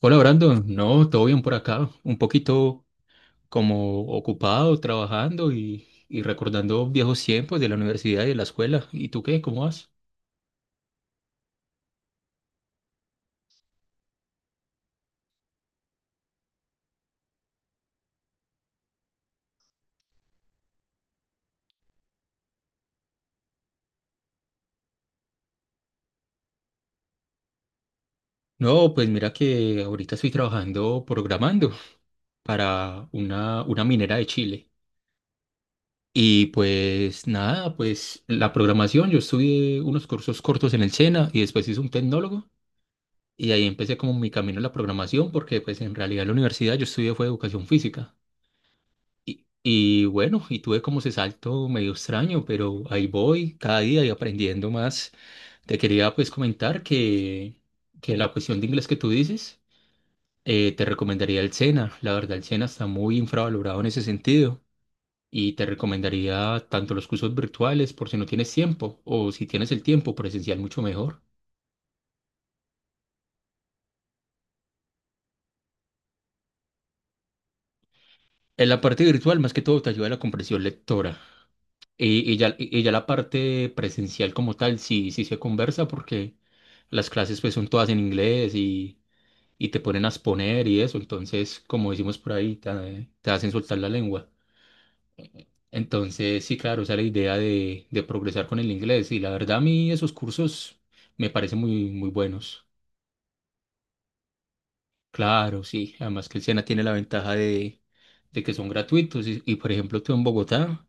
Hola Brandon, no, todo bien por acá, un poquito como ocupado, trabajando y recordando viejos tiempos de la universidad y de la escuela. ¿Y tú qué? ¿Cómo vas? No, pues mira que ahorita estoy trabajando programando para una minera de Chile. Y pues nada, pues la programación, yo estudié unos cursos cortos en el SENA y después hice un tecnólogo y ahí empecé como mi camino en la programación porque pues en realidad en la universidad yo estudié fue educación física. Y bueno, tuve como ese salto medio extraño, pero ahí voy cada día y aprendiendo más. Te quería pues comentar que la cuestión de inglés que tú dices, te recomendaría el SENA. La verdad, el SENA está muy infravalorado en ese sentido. Y te recomendaría tanto los cursos virtuales por si no tienes tiempo, o si tienes el tiempo presencial mucho mejor. En la parte virtual, más que todo, te ayuda la comprensión lectora. Y ya la parte presencial como tal, sí, sí se conversa porque las clases pues son todas en inglés y te ponen a exponer y eso, entonces como decimos por ahí, te hacen soltar la lengua. Entonces sí, claro, esa es la idea de progresar con el inglés y la verdad a mí esos cursos me parecen muy, muy buenos. Claro, sí. Además que el Sena tiene la ventaja de que son gratuitos y, por ejemplo, tú en Bogotá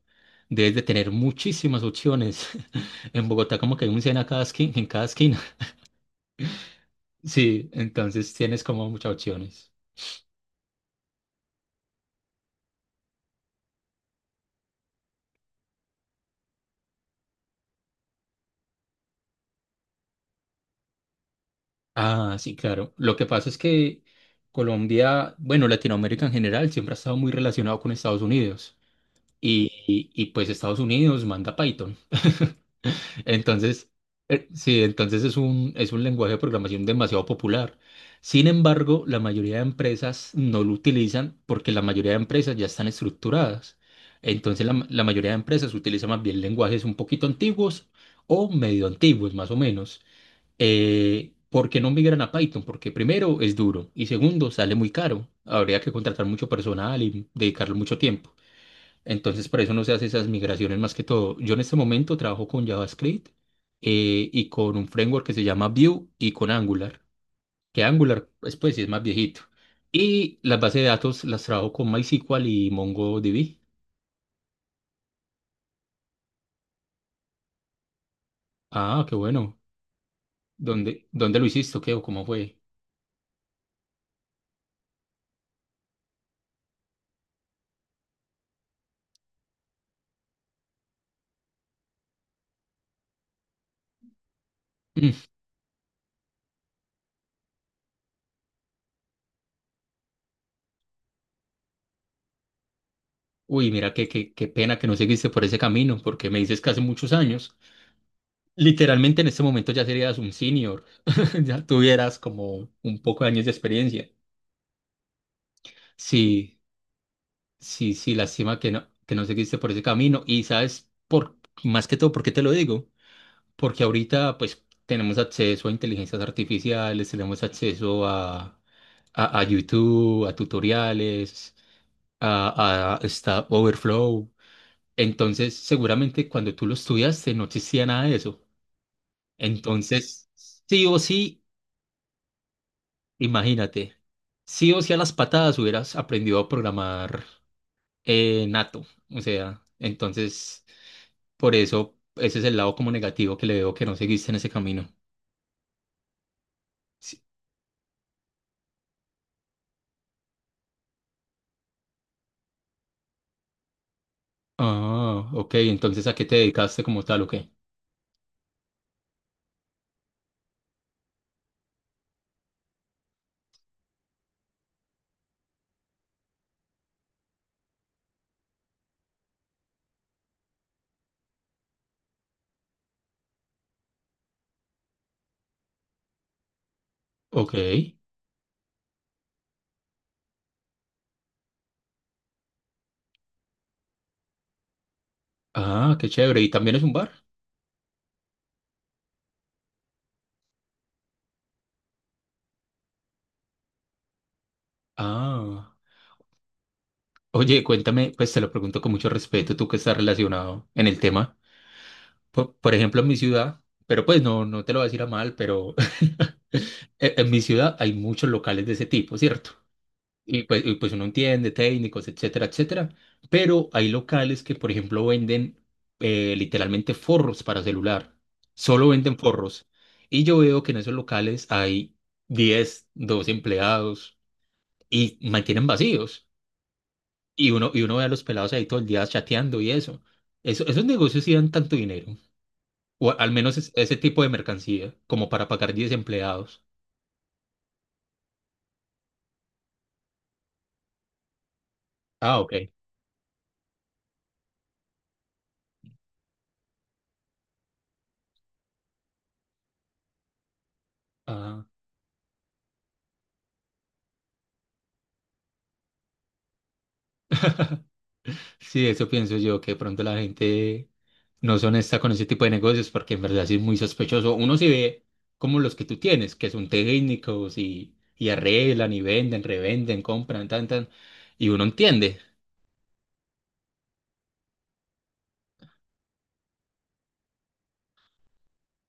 debes de tener muchísimas opciones. En Bogotá como que hay un Sena cada esquina, en cada esquina. Sí, entonces tienes como muchas opciones. Ah, sí, claro. Lo que pasa es que Colombia, bueno, Latinoamérica en general siempre ha estado muy relacionado con Estados Unidos y pues Estados Unidos manda Python. Entonces, sí, entonces es un lenguaje de programación demasiado popular. Sin embargo, la mayoría de empresas no lo utilizan porque la mayoría de empresas ya están estructuradas. Entonces, la mayoría de empresas utilizan más bien lenguajes un poquito antiguos o medio antiguos, más o menos. ¿Por qué no migran a Python? Porque primero es duro y segundo sale muy caro. Habría que contratar mucho personal y dedicarle mucho tiempo. Entonces, para eso no se hace esas migraciones más que todo. Yo en este momento trabajo con JavaScript, y con un framework que se llama Vue y con Angular, que Angular pues sí es más viejito. Y las bases de datos las trabajo con MySQL y MongoDB. Ah, qué bueno. ¿Dónde lo hiciste? O ¿qué o cómo fue? Mm. Uy, mira, qué pena que no seguiste por ese camino, porque me dices que hace muchos años. Literalmente en este momento ya serías un senior, ya tuvieras como un poco de años de experiencia. Sí. Sí, sí, lástima que no seguiste por ese camino. Y sabes, más que todo, ¿por qué te lo digo? Porque ahorita, pues, tenemos acceso a inteligencias artificiales, tenemos acceso a, a YouTube, a tutoriales, a Stack Overflow. Entonces, seguramente cuando tú lo estudiaste no existía nada de eso. Entonces, sí o sí, imagínate, sí o sí a las patadas hubieras aprendido a programar, nato. O sea, entonces... Por eso, ese es el lado como negativo que le veo que no seguiste en ese camino. Sí. Ah, ok, entonces ¿a qué te dedicaste como tal o qué? Ok. Ah, qué chévere. ¿Y también es un bar? Ah. Oye, cuéntame, pues te lo pregunto con mucho respeto, tú que estás relacionado en el tema. Por ejemplo, en mi ciudad, pero pues no, no te lo voy a decir a mal, pero en mi ciudad hay muchos locales de ese tipo, ¿cierto? Y pues uno entiende técnicos, etcétera, etcétera. Pero hay locales que, por ejemplo, venden, literalmente, forros para celular. Solo venden forros. Y yo veo que en esos locales hay 10 12 empleados y mantienen vacíos. Y uno ve a los pelados ahí todo el día chateando y eso. Esos negocios sí dan tanto dinero. O al menos ese tipo de mercancía, como para pagar 10 empleados. Ah, ok. Ah. Sí, eso pienso yo, que de pronto la gente no son honesta con ese tipo de negocios, porque en verdad sí es muy sospechoso. Uno sí ve como los que tú tienes, que son técnicos y arreglan y venden, revenden, compran, tan, tan, y uno entiende.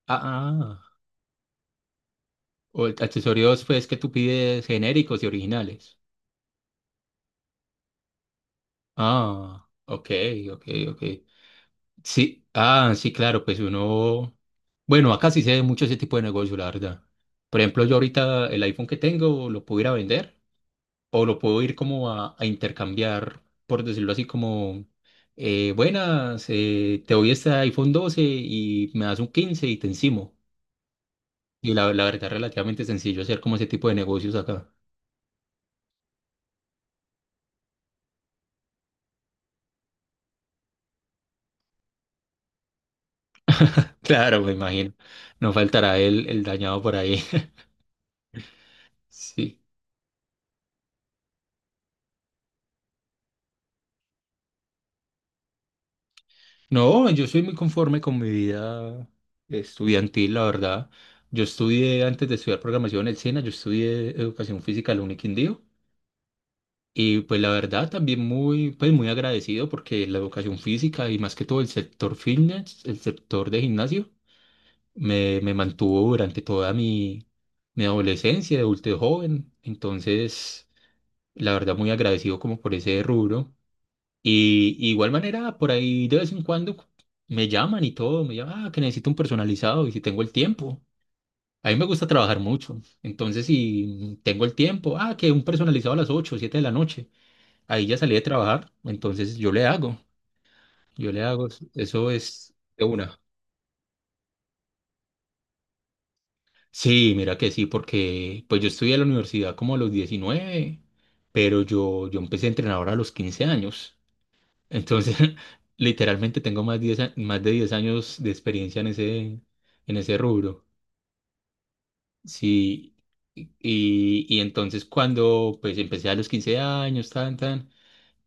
Ah, o accesorios pues que tú pides genéricos y originales. Ah, ok, ok, ok. Sí, ah, sí, claro, pues uno, bueno, acá sí se ve mucho ese tipo de negocio, la verdad. Por ejemplo, yo ahorita el iPhone que tengo lo pudiera vender o lo puedo ir como a intercambiar, por decirlo así, como, buenas, te doy este iPhone 12 y me das un 15 y te encimo. Y la verdad, relativamente sencillo hacer como ese tipo de negocios acá. Claro, me imagino. No faltará el dañado por ahí. Sí. No, yo soy muy conforme con mi vida estudiantil, la verdad. Yo estudié, antes de estudiar programación en el SENA, yo estudié educación física en la Uniquindío. Y pues la verdad también muy, pues muy agradecido porque la educación física y más que todo el sector fitness, el sector de gimnasio, me mantuvo durante toda mi adolescencia, de adulto joven. Entonces, la verdad muy agradecido como por ese rubro. Y igual manera, por ahí de vez en cuando me llaman y todo, me llaman, ah, que necesito un personalizado y si tengo el tiempo. A mí me gusta trabajar mucho. Entonces, si tengo el tiempo, ah, que un personalizado a las 8 7 de la noche. Ahí ya salí de trabajar, entonces yo le hago, yo le hago, eso es de una. Sí, mira que sí, porque pues yo estudié en la universidad como a los 19, pero yo empecé a entrenar a los 15 años. Entonces, literalmente tengo más, más de 10 años de experiencia en ese rubro. Sí, y entonces cuando pues empecé a los 15 años, tan, tan,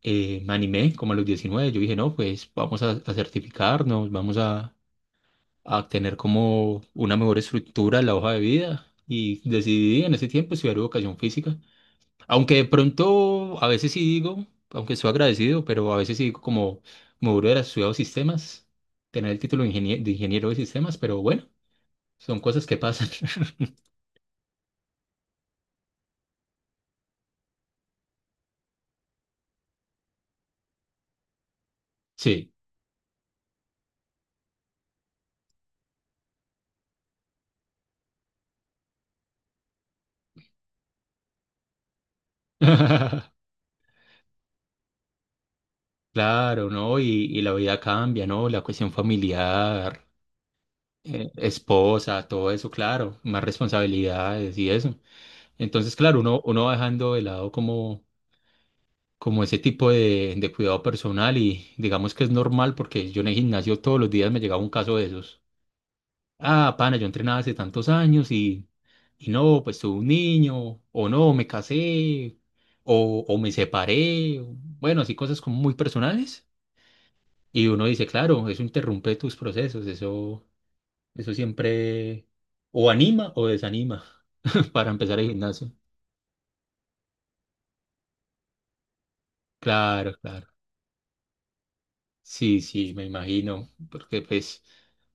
me animé como a los 19, yo dije, no, pues vamos a certificarnos, vamos a tener como una mejor estructura en la hoja de vida y decidí en ese tiempo estudiar educación física. Aunque de pronto a veces sí digo, aunque estoy agradecido, pero a veces sí digo como me hubiera estudiado sistemas, tener el título de de ingeniero de sistemas, pero bueno, son cosas que pasan. Sí. Claro, ¿no? Y la vida cambia, ¿no? La cuestión familiar, esposa, todo eso, claro, más responsabilidades y eso. Entonces, claro, uno, uno va dejando de lado como como ese tipo de cuidado personal y digamos que es normal porque yo en el gimnasio todos los días me llegaba un caso de esos. Ah, pana, yo entrenaba hace tantos años y no, pues tuve un niño, o no, me casé, o me separé, o- bueno, así cosas como muy personales. Y uno dice, claro, eso interrumpe tus procesos, eso siempre o anima o desanima para empezar el gimnasio. Claro, claro. Sí, sí, me imagino, porque pues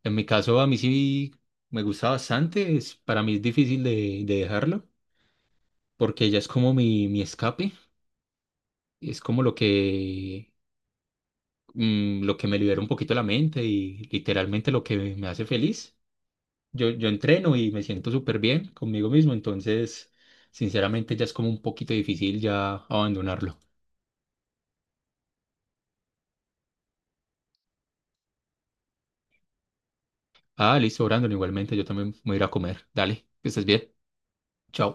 en mi caso a mí sí me gusta bastante, es, para mí es difícil de dejarlo, porque ella es como mi escape, y es como lo que, lo que me libera un poquito la mente y literalmente lo que me hace feliz. Yo entreno y me siento súper bien conmigo mismo, entonces sinceramente ya es como un poquito difícil ya abandonarlo. Ah, listo, Brandon, igualmente yo también me voy a ir a comer, dale, que estés bien, chao.